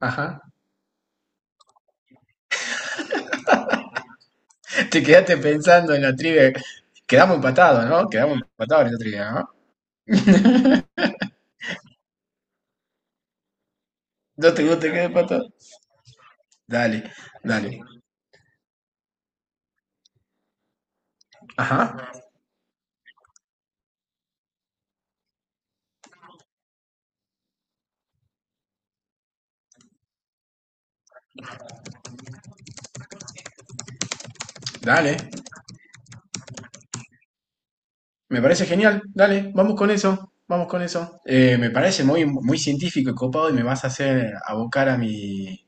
Ajá. Te quedaste pensando en la trivia. Quedamos empatados, ¿no? Quedamos empatados en la trivia, ¿no? No te quedes empatado. Dale, dale. Ajá, dale. Me parece genial. Dale, vamos con eso. Vamos con eso. Me parece muy, muy científico y copado y me vas a hacer abocar a mi,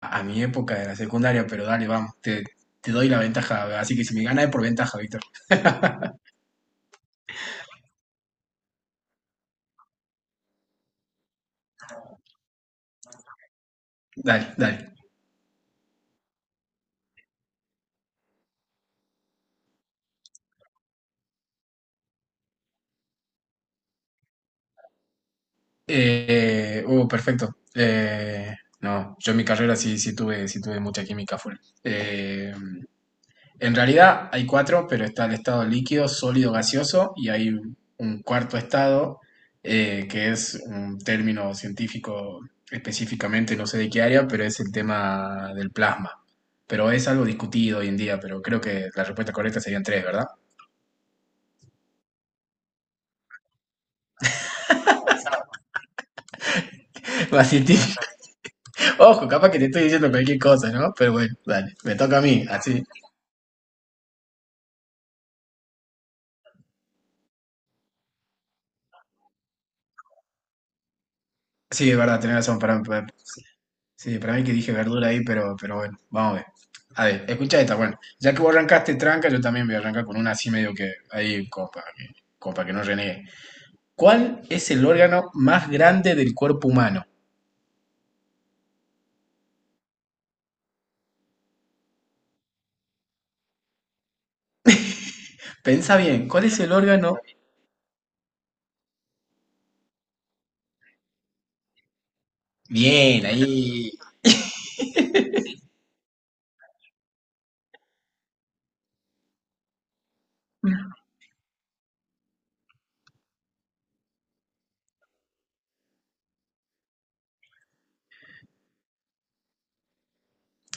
a mi época de la secundaria, pero dale, vamos. Te doy la ventaja. Así que si me ganas es por ventaja, Víctor. Dale, dale. Oh, perfecto. No, yo en mi carrera sí, sí tuve mucha química full. Eh, en realidad hay cuatro, pero está el estado líquido, sólido, gaseoso y hay un cuarto estado, que es un término científico específicamente, no sé de qué área, pero es el tema del plasma. Pero es algo discutido hoy en día, pero creo que la respuesta correcta serían tres, ¿verdad? Más científico. Ojo, capaz que te estoy diciendo cualquier cosa, ¿no? Pero bueno, dale, me toca a mí, así. Sí, es verdad, tenés razón, sí, para mí que dije verdura ahí, pero bueno, vamos a ver. A ver, escucha esta, bueno, ya que vos arrancaste tranca, yo también voy a arrancar con una así medio que ahí, como para que no renegue. ¿Cuál es el órgano más grande del cuerpo humano? Pensa bien, ¿cuál es el órgano? Bien, ahí.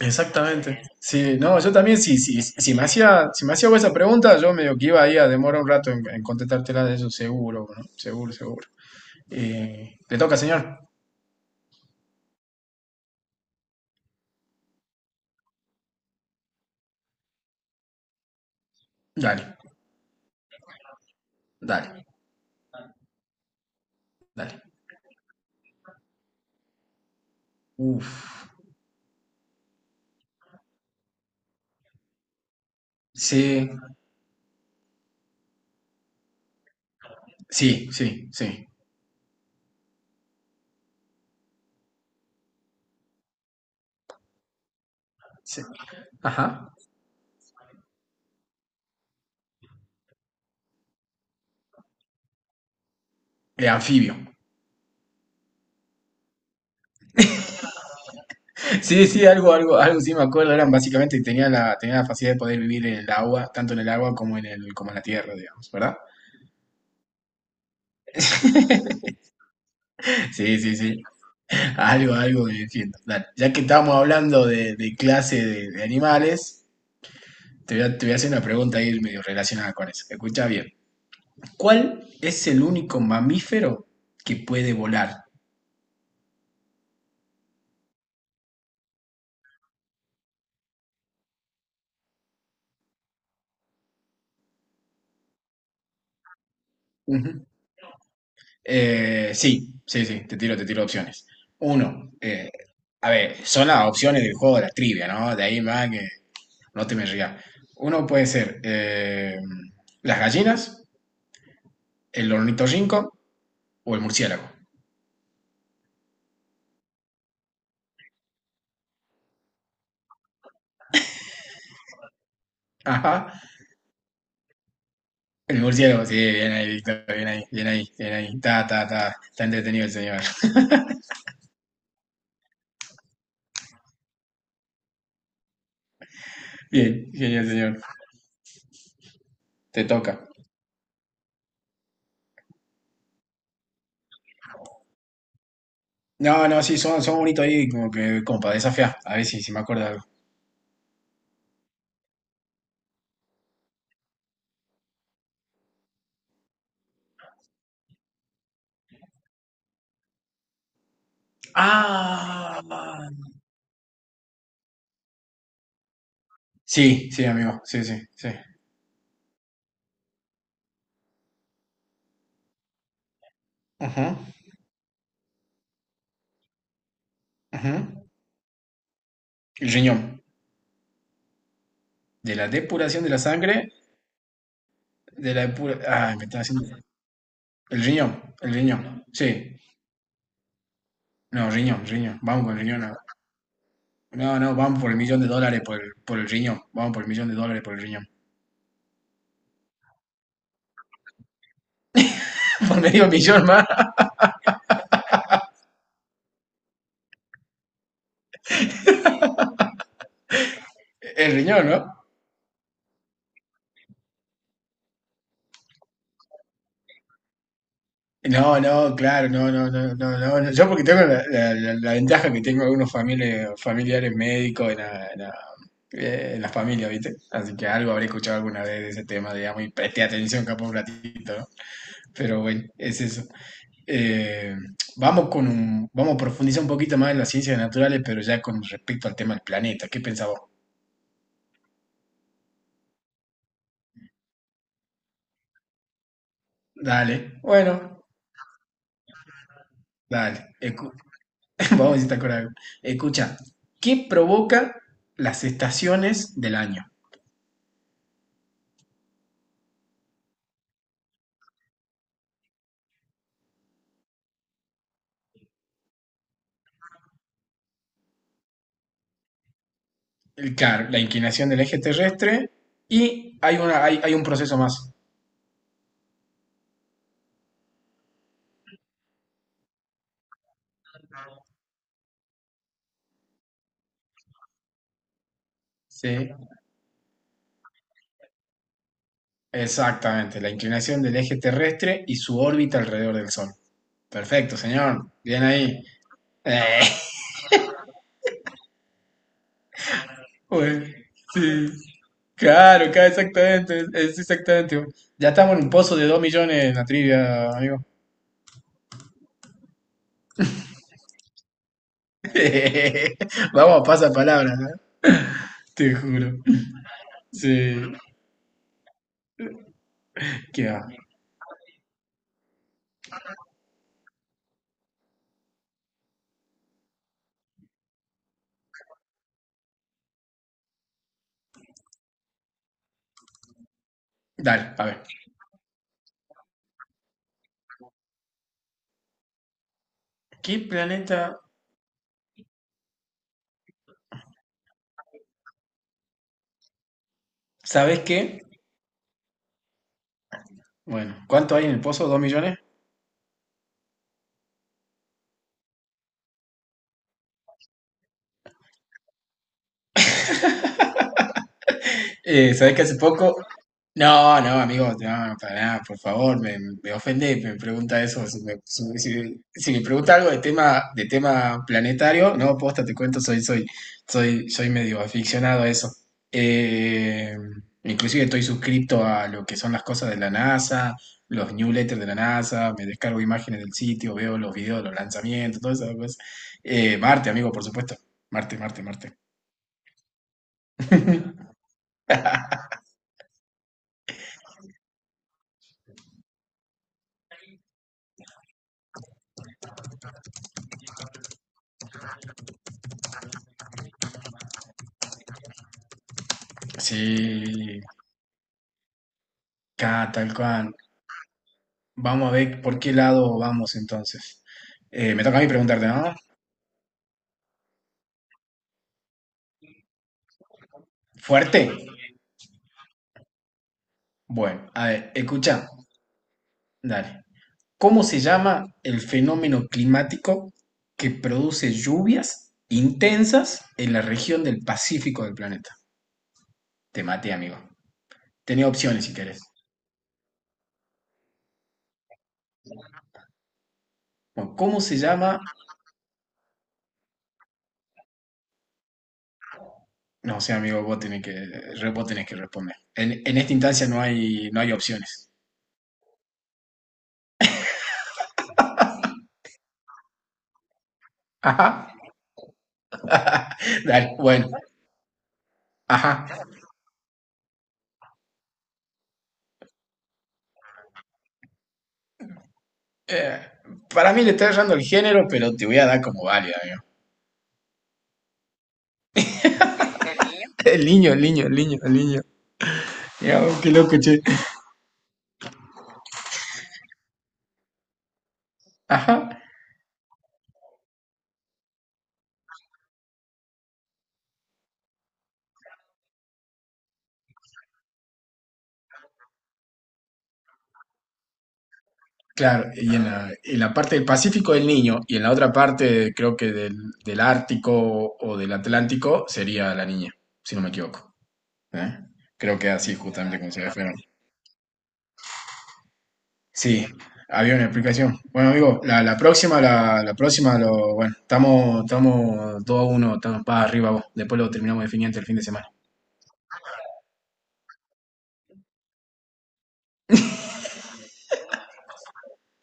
Exactamente. Sí, no, yo también, sí, sí, si me hacía vos esa pregunta, yo medio que iba ahí a demorar un rato en contestártela de eso, seguro, ¿no? Seguro, seguro. ¿Le toca, señor? Dale, dale. Dale. Uf. Sí, sí, sí, sí, sí. Ajá. Anfibio. Sí, sí, algo, algo, algo sí me acuerdo. Eran básicamente tenía la facilidad de poder vivir en el agua, tanto en el agua como en la tierra, digamos, ¿verdad? Sí, sí, sí. Algo, algo me defiendo. Dale. Ya que estábamos hablando de clase de animales, te voy a hacer una pregunta ahí medio relacionada con eso. Escucha bien. ¿Cuál es el único mamífero que puede volar? Sí, sí, sí, te tiro opciones. Uno, a ver, son las opciones del juego de la trivia, ¿no? De ahí más que no te me rías. Uno puede ser las gallinas, el ornitorrinco o el murciélago. Ajá, el murciélago, sí, bien ahí, Víctor, bien ahí, bien ahí, bien ahí. Ta, ta, ta, está entretenido el señor. Bien, genial, señor. Te toca. No, no, sí, son bonitos ahí, como que, como para desafiar. A ver si me acuerdo de algo. ¡Ah! Sí, sí, amigo, sí, sí, sí. Ajá, ajá. El riñón. De la depuración de la sangre, Ay, me está haciendo... el riñón, sí. No, riñón, riñón. Vamos con el riñón ahora. No, no, vamos por el millón de dólares por el riñón. Vamos por el millón de dólares por el riñón. Por medio millón más. El riñón, ¿no? No, no, claro, no, no, no, no, no, no. Yo porque tengo la ventaja que tengo algunos familiares médicos en en la familia, ¿viste? Así que algo habré escuchado alguna vez de ese tema, digamos, y presté atención capaz un ratito, ¿no? Pero bueno, es eso. Eh, Vamos a profundizar un poquito más en las ciencias naturales, pero ya con respecto al tema del planeta. ¿Qué pensás vos? Dale, bueno, dale. Vamos a ver si te acordás de algo. Escucha, ¿qué provoca las estaciones del año? Claro, la inclinación del eje terrestre y hay un proceso más. Sí, exactamente, la inclinación del eje terrestre y su órbita alrededor del Sol. Perfecto, señor. Bien ahí. Eh, bueno, sí, claro, claro, exactamente, es exactamente. Ya estamos en un pozo de 2 millones en la trivia, amigo. Vamos a pasar palabras, ¿no? Te juro. Sí. ¿Qué va? Dale, a ver. ¿Qué planeta? ¿Sabes qué? Bueno, ¿cuánto hay en el pozo? ¿Dos millones? ¿Sabes que hace poco? No, no, amigo, no, para nada, por favor, me ofende, me pregunta eso. Si me pregunta algo de tema, planetario, no, posta, te cuento, soy medio aficionado a eso. Eh, inclusive estoy suscrito a lo que son las cosas de la NASA, los newsletters de la NASA, me descargo imágenes del sitio, veo los videos de los lanzamientos, todas esas cosas. Marte, amigo, por supuesto. Marte, Marte, Marte. Sí, acá, tal cual. Vamos a ver por qué lado vamos entonces. Me toca a mí preguntarte, ¿no? ¿Fuerte? Bueno, a ver, escucha, dale. ¿Cómo se llama el fenómeno climático que produce lluvias intensas en la región del Pacífico del planeta? Te maté, amigo. Tenía opciones si querés. Bueno, ¿cómo se llama? No, o sea, amigo, vos tenés que, vos tenés que responder. En esta instancia no hay opciones. Ajá. Dale, bueno, ajá. Eh, para mí le está errando el género, pero te voy a dar como válida, amigo. El niño, el niño, el niño, el niño. Mira, oh, qué loco, che. Ajá. Claro, y en la parte del Pacífico del Niño y en la otra parte, creo que del Ártico o del Atlántico, sería la niña, si no me equivoco. ¿Eh? Creo que así justamente como se refieren. Sí, había una explicación. Bueno, amigo, la próxima, bueno, estamos 2-1, estamos para arriba vos. Después lo terminamos definiendo el fin de semana.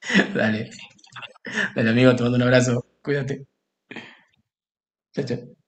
Dale. Dale, amigo, te mando un abrazo. Cuídate. Chao, chao.